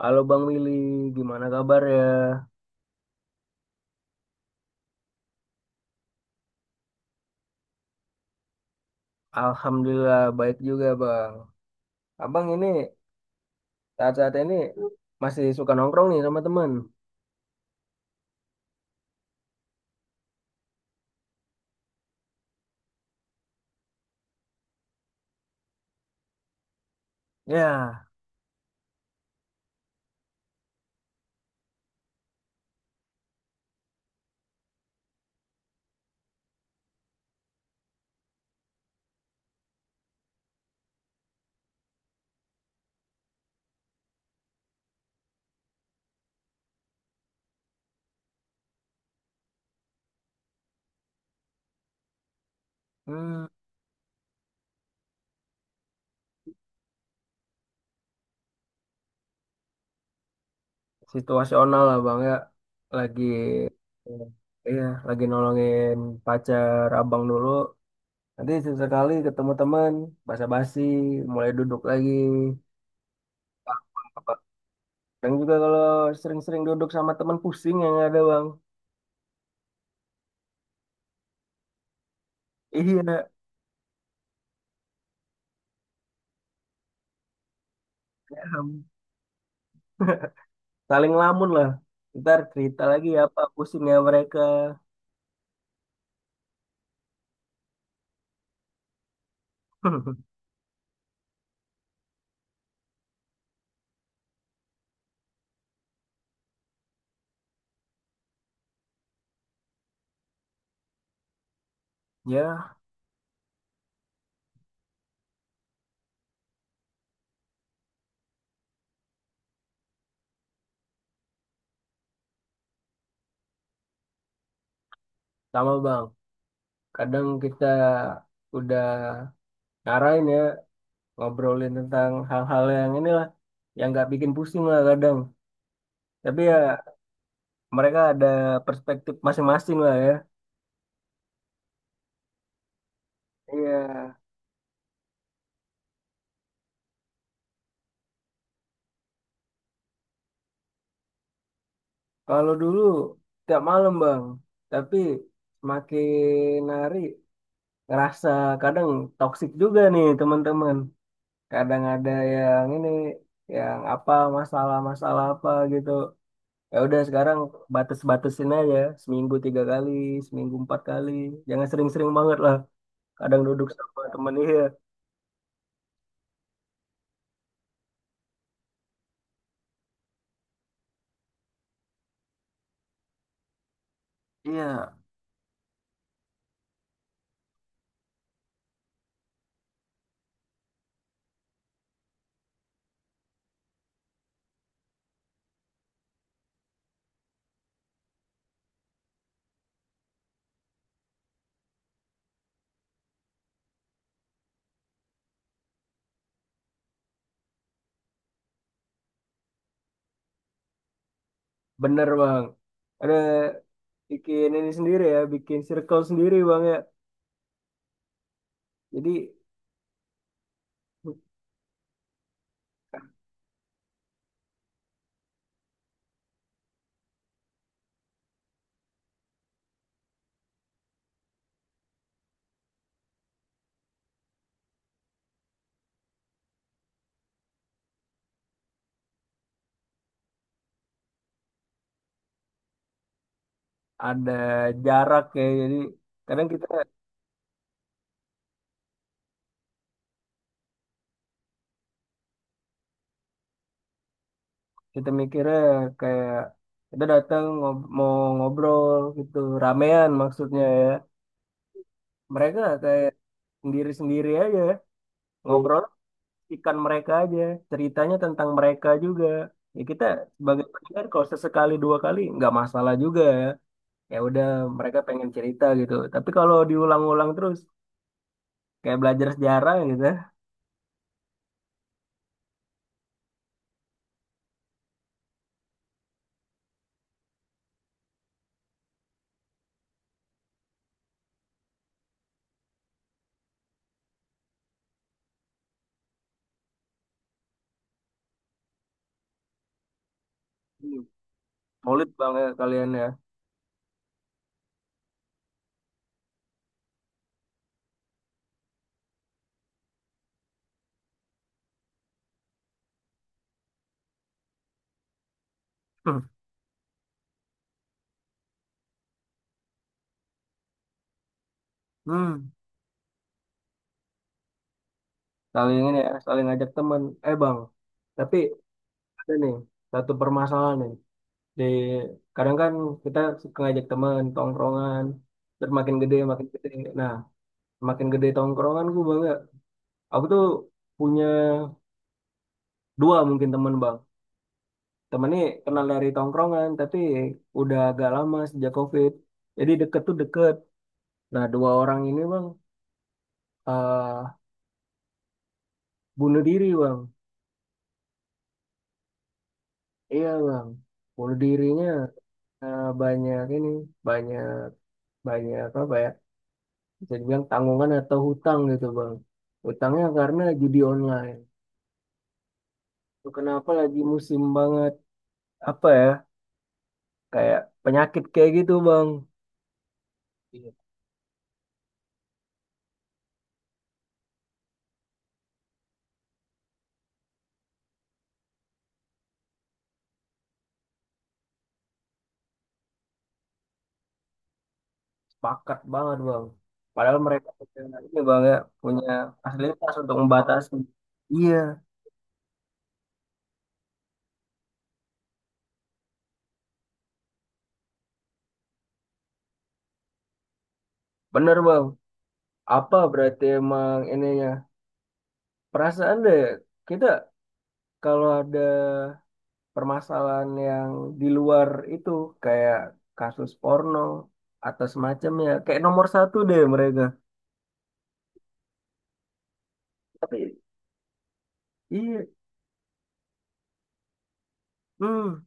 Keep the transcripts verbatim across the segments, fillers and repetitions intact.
Halo Bang Willy, gimana kabar ya? Alhamdulillah baik juga Bang. Abang ini saat-saat ini masih suka nongkrong nih sama teman. Ya, hmm, situasional lah Bang ya. Lagi, iya, lagi nolongin pacar Abang dulu. Nanti sesekali ketemu teman, basa-basi, mulai duduk lagi. Dan juga kalau sering-sering duduk sama teman pusing yang ada Bang. Iya, ya. Bang, saling lamun lah. Ntar cerita lagi apa pusingnya mereka. Ya, sama Bang. Kadang kita udah ngarahin ya, ngobrolin tentang hal-hal yang inilah, yang nggak bikin pusing lah kadang. Tapi ya mereka ada perspektif masing-masing lah ya. Iya, kalau dulu tiap malam Bang, tapi semakin hari ngerasa kadang toksik juga nih teman-teman. Kadang ada yang ini, yang apa, masalah-masalah apa gitu, ya udah sekarang batas-batasin aja, seminggu tiga kali, seminggu empat kali, jangan sering-sering banget lah. Kadang duduk sama temen iya, iya bener bang, ada bikin ini sendiri ya, bikin circle sendiri bang ya, jadi ada jarak ya. Jadi kadang kita, kita mikirnya kayak kita datang ngob- mau ngobrol gitu, ramean maksudnya. Mereka kayak sendiri-sendiri aja ngobrol, ikan mereka aja, ceritanya tentang mereka juga. Ya kita sebagai pendengar kalau sesekali dua kali nggak masalah juga, ya udah mereka pengen cerita gitu, tapi kalau diulang-ulang terus kayak belajar sejarah gitu. Hmm. Solid banget kalian ya. Hmm. Hmm, saling ini ya, saling ngajak teman. Eh bang, tapi ada nih satu permasalahan nih, di kadang kan kita suka ngajak teman tongkrongan, terus makin gede makin gede. Nah, makin gede tongkrongan gue bang, aku tuh punya dua mungkin temen bang. Temennya kenal dari tongkrongan, tapi udah agak lama sejak COVID. Jadi deket tuh deket. Nah dua orang ini bang, eh bunuh diri bang. Iya bang, bunuh dirinya eh, banyak ini, banyak, banyak apa ya? Bisa dibilang tanggungan atau hutang gitu bang. Hutangnya karena judi online. Itu kenapa lagi musim banget, apa ya? Kayak penyakit kayak gitu bang. Pakat banget bang. Padahal mereka punya ini bang ya, punya fasilitas untuk membatasi. Iya, bener bang. Apa berarti emang ininya? Perasaan deh kita kalau ada permasalahan yang di luar itu, kayak kasus porno atau semacamnya, kayak nomor satu deh mereka. Tapi iya, hmm,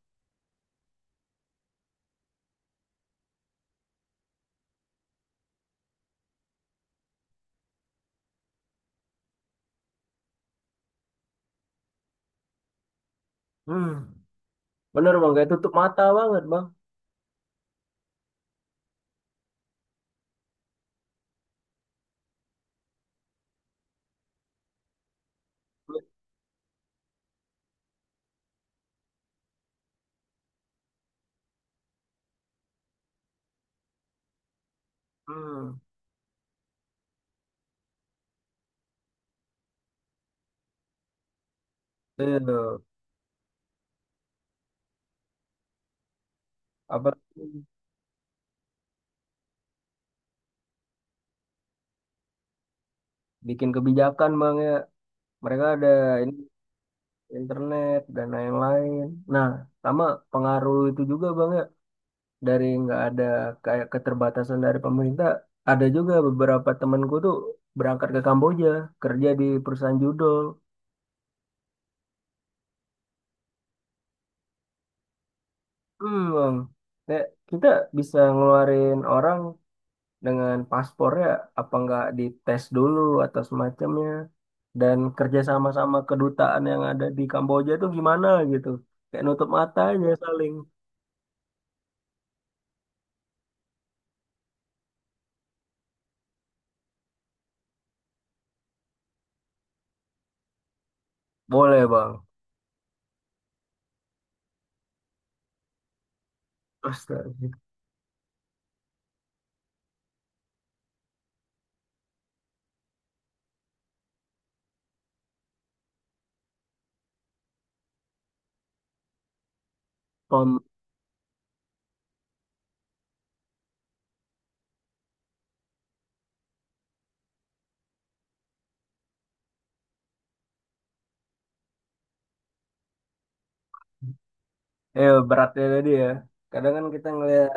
hmm, bener bang. Kayak tutup mata banget bang. Hmm, itu apa? Bikin kebijakan bang ya. Mereka ada internet dan lain-lain. Nah, sama pengaruh itu juga bang ya, dari nggak ada kayak keterbatasan dari pemerintah. Ada juga beberapa temanku tuh berangkat ke Kamboja kerja di perusahaan judol. Hmm, bang. Kayak kita bisa ngeluarin orang dengan paspornya, apa nggak dites dulu atau semacamnya, dan kerja sama-sama kedutaan yang ada di Kamboja tuh gimana gitu, kayak nutup mata aja saling. Boleh bang. Astaga. Pem, ya, beratnya tadi ya. Kadang kan kita ngelihat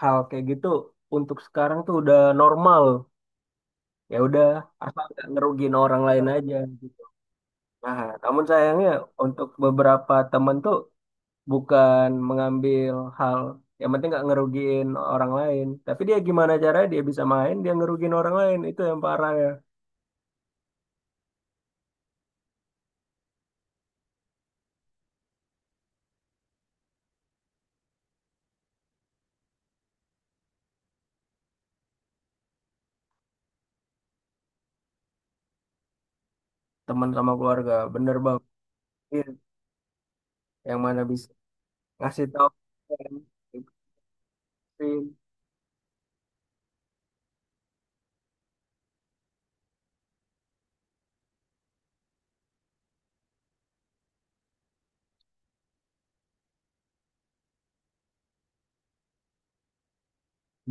hal kayak gitu untuk sekarang tuh udah normal. Ya udah, asal nggak ngerugiin orang lain aja, gitu. Nah, namun sayangnya untuk beberapa temen tuh bukan mengambil hal yang penting nggak ngerugiin orang lain. Tapi dia gimana caranya dia bisa main, dia ngerugiin orang lain. Itu yang parah ya. Teman sama keluarga, bener bang. Iya. Yang mana bisa ngasih tahu.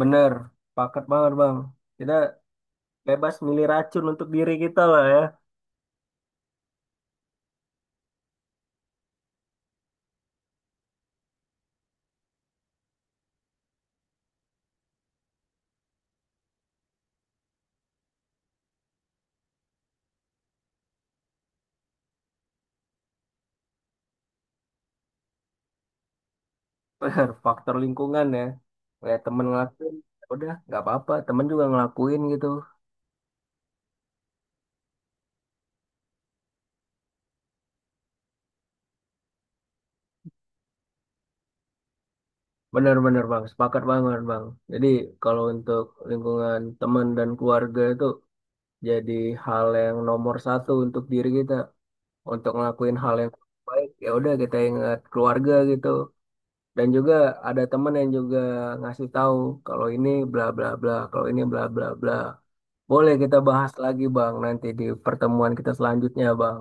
Bener, paket banget bang. Kita bebas milih racun untuk diri kita lah ya. Benar, faktor lingkungan ya. Kayak temen ngelakuin, ya udah nggak apa-apa. Temen juga ngelakuin gitu. Benar-benar bang, sepakat banget bang. Jadi kalau untuk lingkungan teman dan keluarga itu jadi hal yang nomor satu untuk diri kita. Untuk ngelakuin hal yang baik, ya udah kita ingat keluarga gitu. Dan juga ada teman yang juga ngasih tahu kalau ini bla bla bla, kalau ini bla bla bla. Boleh kita bahas lagi Bang nanti di pertemuan kita selanjutnya Bang.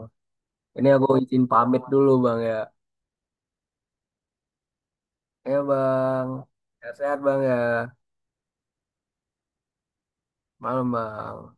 Ini aku izin pamit dulu Bang ya. Ya Bang, sehat-sehat Bang ya. Malam Bang.